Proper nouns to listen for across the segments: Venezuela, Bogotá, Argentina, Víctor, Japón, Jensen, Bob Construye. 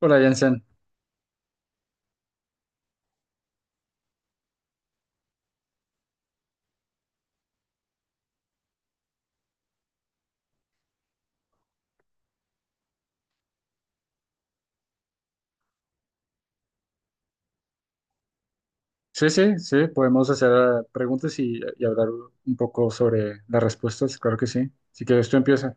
Hola, Jensen. Sí, sí, sí, podemos hacer preguntas y hablar un poco sobre las respuestas, claro que sí. Si quieres, tú empieza.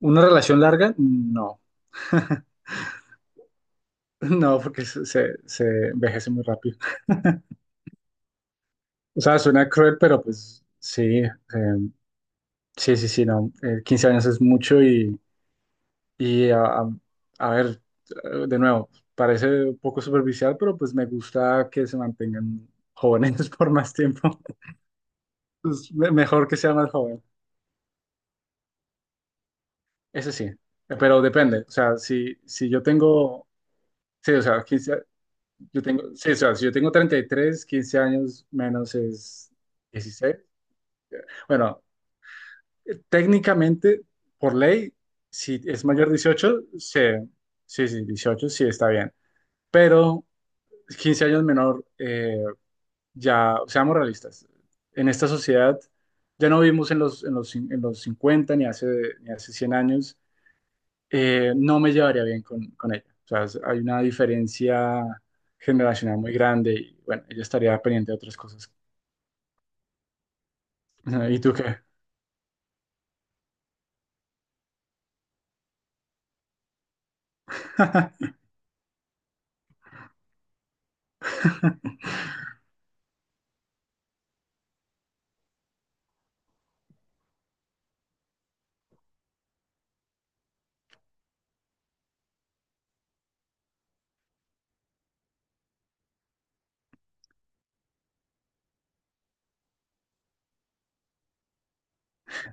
¿Una relación larga? No, no, porque se envejece muy rápido. O sea, suena cruel, pero pues sí, sí, sí, sí, no. 15 años es mucho y a, a- a ver, de nuevo, parece un poco superficial, pero pues me gusta que se mantengan jóvenes por más tiempo. Pues, mejor que sea más joven. Ese sí, pero depende. O sea, si, si yo tengo, sí, o sea, yo tengo, sí, o sea, si yo tengo 33, 15 años menos es 16. Bueno, técnicamente, por ley, si es mayor de 18, sí, sí, 18, sí está bien. Pero 15 años menor, ya, seamos realistas, en esta sociedad ya no vivimos en los 50 ni hace, ni hace 100 años, no me llevaría bien con ella. O sea, hay una diferencia generacional muy grande y bueno, ella estaría pendiente de otras cosas. ¿Y tú qué?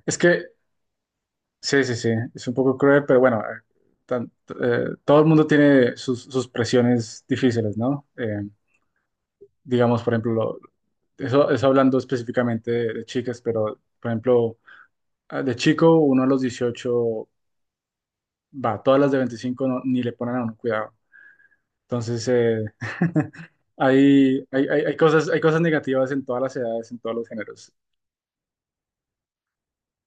Es que, sí, sí, sí, es un poco cruel, pero bueno, tan- todo el mundo tiene sus, sus presiones difíciles, ¿no? Digamos, por ejemplo, eso, eso hablando específicamente de chicas, pero por ejemplo, ah, de chico, uno a los 18 va, todas las de 25 ni le ponen a uno cuidado. Entonces, hay cosas negativas en todas las edades, en todos los géneros.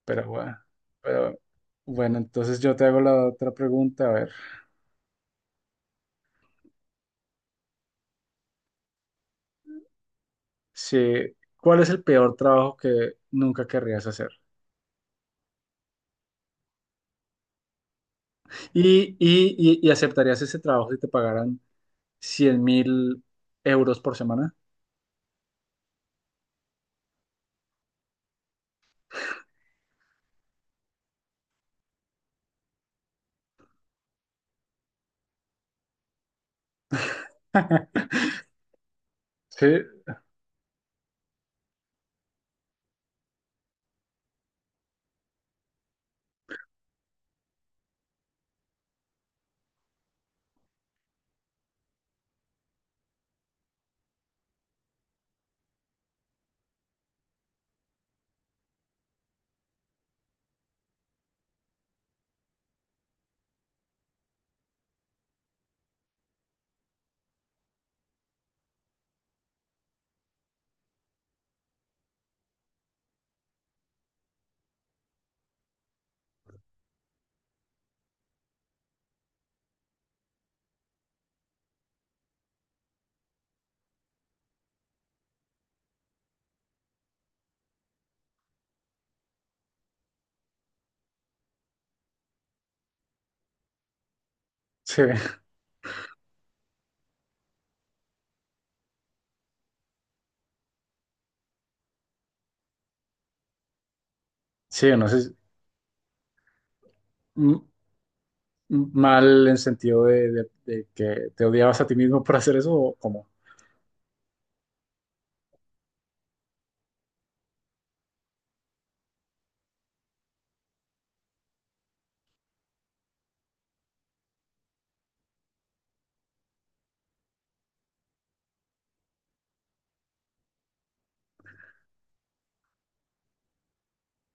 Pero bueno, pero, bueno, entonces yo te hago la otra pregunta, a ver. Sí, ¿cuál es el peor trabajo que nunca querrías hacer? ¿Y aceptarías ese trabajo si te pagaran 100.000 euros por semana? Sí, sí, sí, no sé, m- mal en sentido de, de que te odiabas a ti mismo por hacer eso o cómo.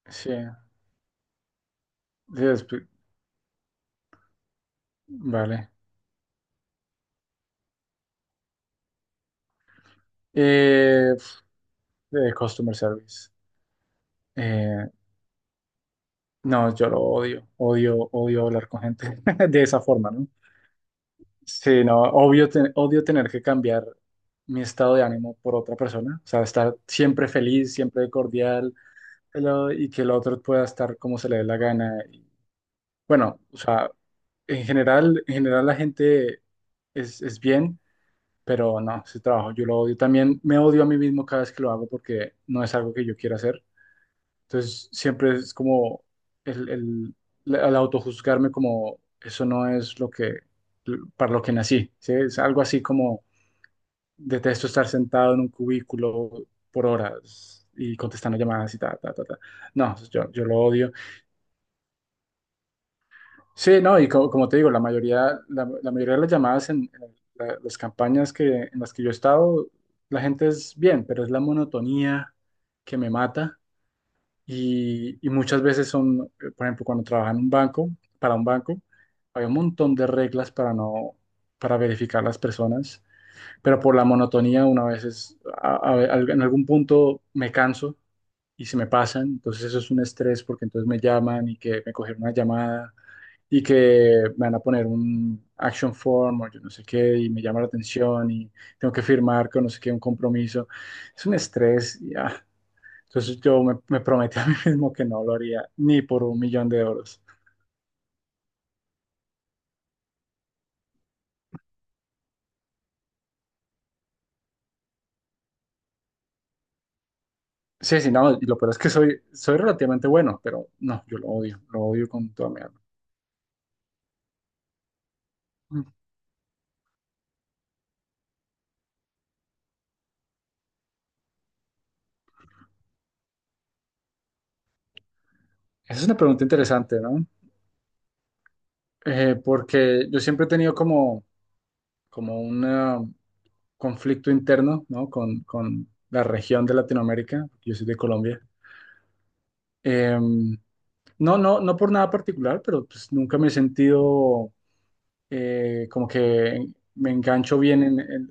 Sí. Sí, vale. Eh, customer service. Eh, no, yo lo odio. Odio, odio hablar con gente de esa forma, ¿no? Sí, no, odio tener que cambiar mi estado de ánimo por otra persona. O sea, estar siempre feliz, siempre cordial, y que el otro pueda estar como se le dé la gana. Y, bueno, o sea, en general la gente es bien, pero no, ese trabajo yo lo odio. También me odio a mí mismo cada vez que lo hago porque no es algo que yo quiera hacer. Entonces siempre es como el, el, el autojuzgarme como eso no es lo que, para lo que nací, ¿sí? Es algo así como detesto estar sentado en un cubículo por horas y contestando llamadas y ta, ta, ta, ta. No, yo lo odio. Sí, no, y como, te digo, la mayoría, la mayoría de las llamadas en, las campañas que, en las que yo he estado, la gente es bien, pero es la monotonía que me mata. Y muchas veces son, por ejemplo, cuando trabajaba en un banco, para un banco, había un montón de reglas para no, para verificar las personas, pero por la monotonía una vez es, en algún punto me canso y se me pasan, entonces eso es un estrés porque entonces me llaman y que me cogieron una llamada y que me van a poner un action form o yo no sé qué y me llama la atención y tengo que firmar con no sé qué un compromiso. Es un estrés y ah, entonces yo me, me prometí a mí mismo que no lo haría ni por 1.000.000 de euros. Sí, sí, no, y lo peor es que soy, soy relativamente bueno, pero no, yo lo odio con toda mi alma. Mm. Esa es una pregunta interesante, ¿no? Porque yo siempre he tenido como, como un conflicto interno, ¿no? Con la región de Latinoamérica, yo soy de Colombia. Em, no, no, no por nada particular, pero pues nunca me he sentido como que me engancho bien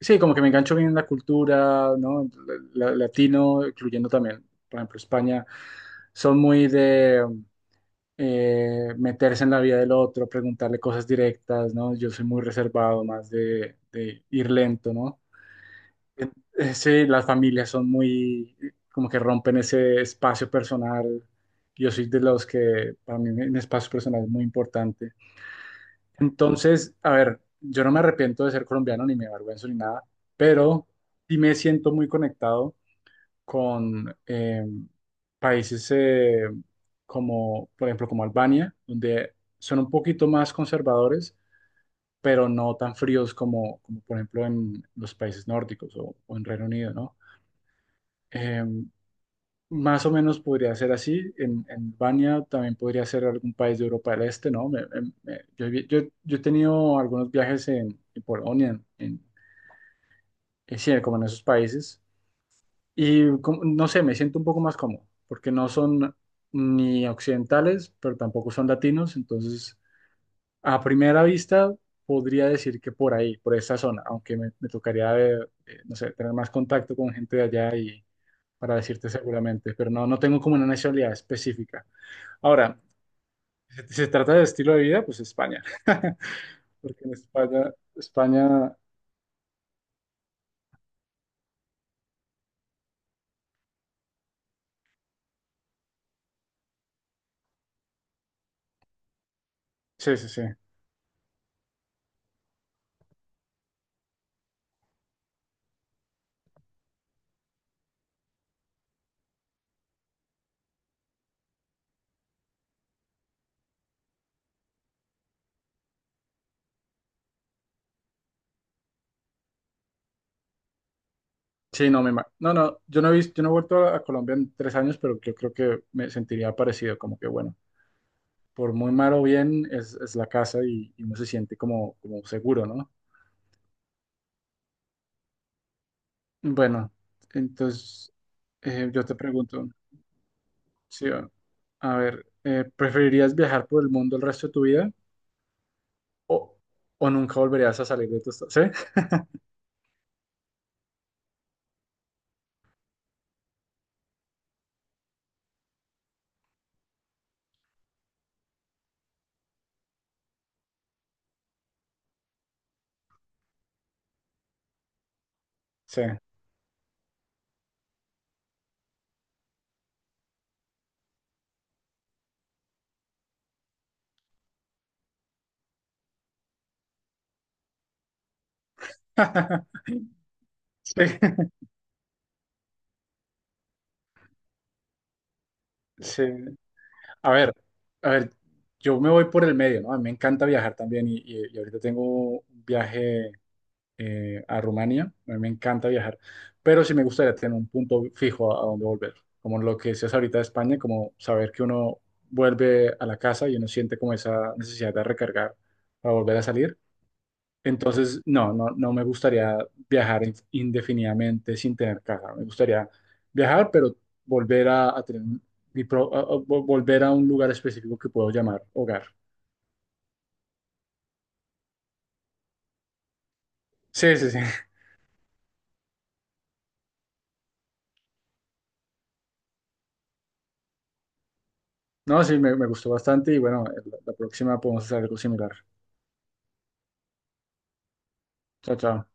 sí, como que me engancho bien en la cultura, ¿no? Latino, incluyendo también, por ejemplo, España, son muy de meterse en la vida del otro, preguntarle cosas directas, ¿no? Yo soy muy reservado, más de ir lento, ¿no? En- Sí, las familias son muy, como que rompen ese espacio personal. Yo soy de los que, para mí, un espacio personal es muy importante. Entonces, a ver, yo no me arrepiento de ser colombiano ni me avergüenzo ni nada, pero sí me siento muy conectado con países como, por ejemplo, como Albania, donde son un poquito más conservadores, pero no tan fríos como, como por ejemplo, en los países nórdicos o en Reino Unido, ¿no? Eh, más o menos podría ser así. En Albania también podría ser algún país de Europa del Este, ¿no? Yo he tenido algunos viajes en Polonia, sí, como en esos países, y no sé, me siento un poco más cómodo, porque no son ni occidentales, pero tampoco son latinos, entonces a primera vista podría decir que por ahí, por esa zona, aunque me tocaría, no sé, tener más contacto con gente de allá para decirte seguramente, pero no, no tengo como una nacionalidad específica. Ahora, si si se trata de estilo de vida, pues España, porque en España, España, sí, sí, sí. Sí, no, no, no, yo no he visto, yo no he vuelto a Colombia en 3 años, pero yo creo que me sentiría parecido, como que bueno, por muy mal o bien es la casa y uno se siente como, como seguro, ¿no? Bueno, entonces yo te pregunto, sí, a ver, ¿preferirías viajar por el mundo el resto de tu vida? ¿O, o nunca volverías a salir de tu estado? ¿Sí? Sí. Sí. Sí. A ver, a ver, yo me voy por el medio, ¿no? A mí me encanta viajar también y ahorita tengo un viaje a Rumania. A mí me encanta viajar, pero sí me gustaría tener un punto fijo a donde volver. Como lo que decías ahorita de España, como saber que uno vuelve a la casa y uno siente como esa necesidad de recargar para volver a salir. Entonces, no, no, no me gustaría viajar indefinidamente sin tener casa. Me gustaría viajar, pero volver a tener mi pro- a- vol- volver a un lugar específico que puedo llamar hogar. Sí, sí, sí. No, sí, me gustó bastante y bueno, la la próxima podemos hacer algo similar. Chao, chao.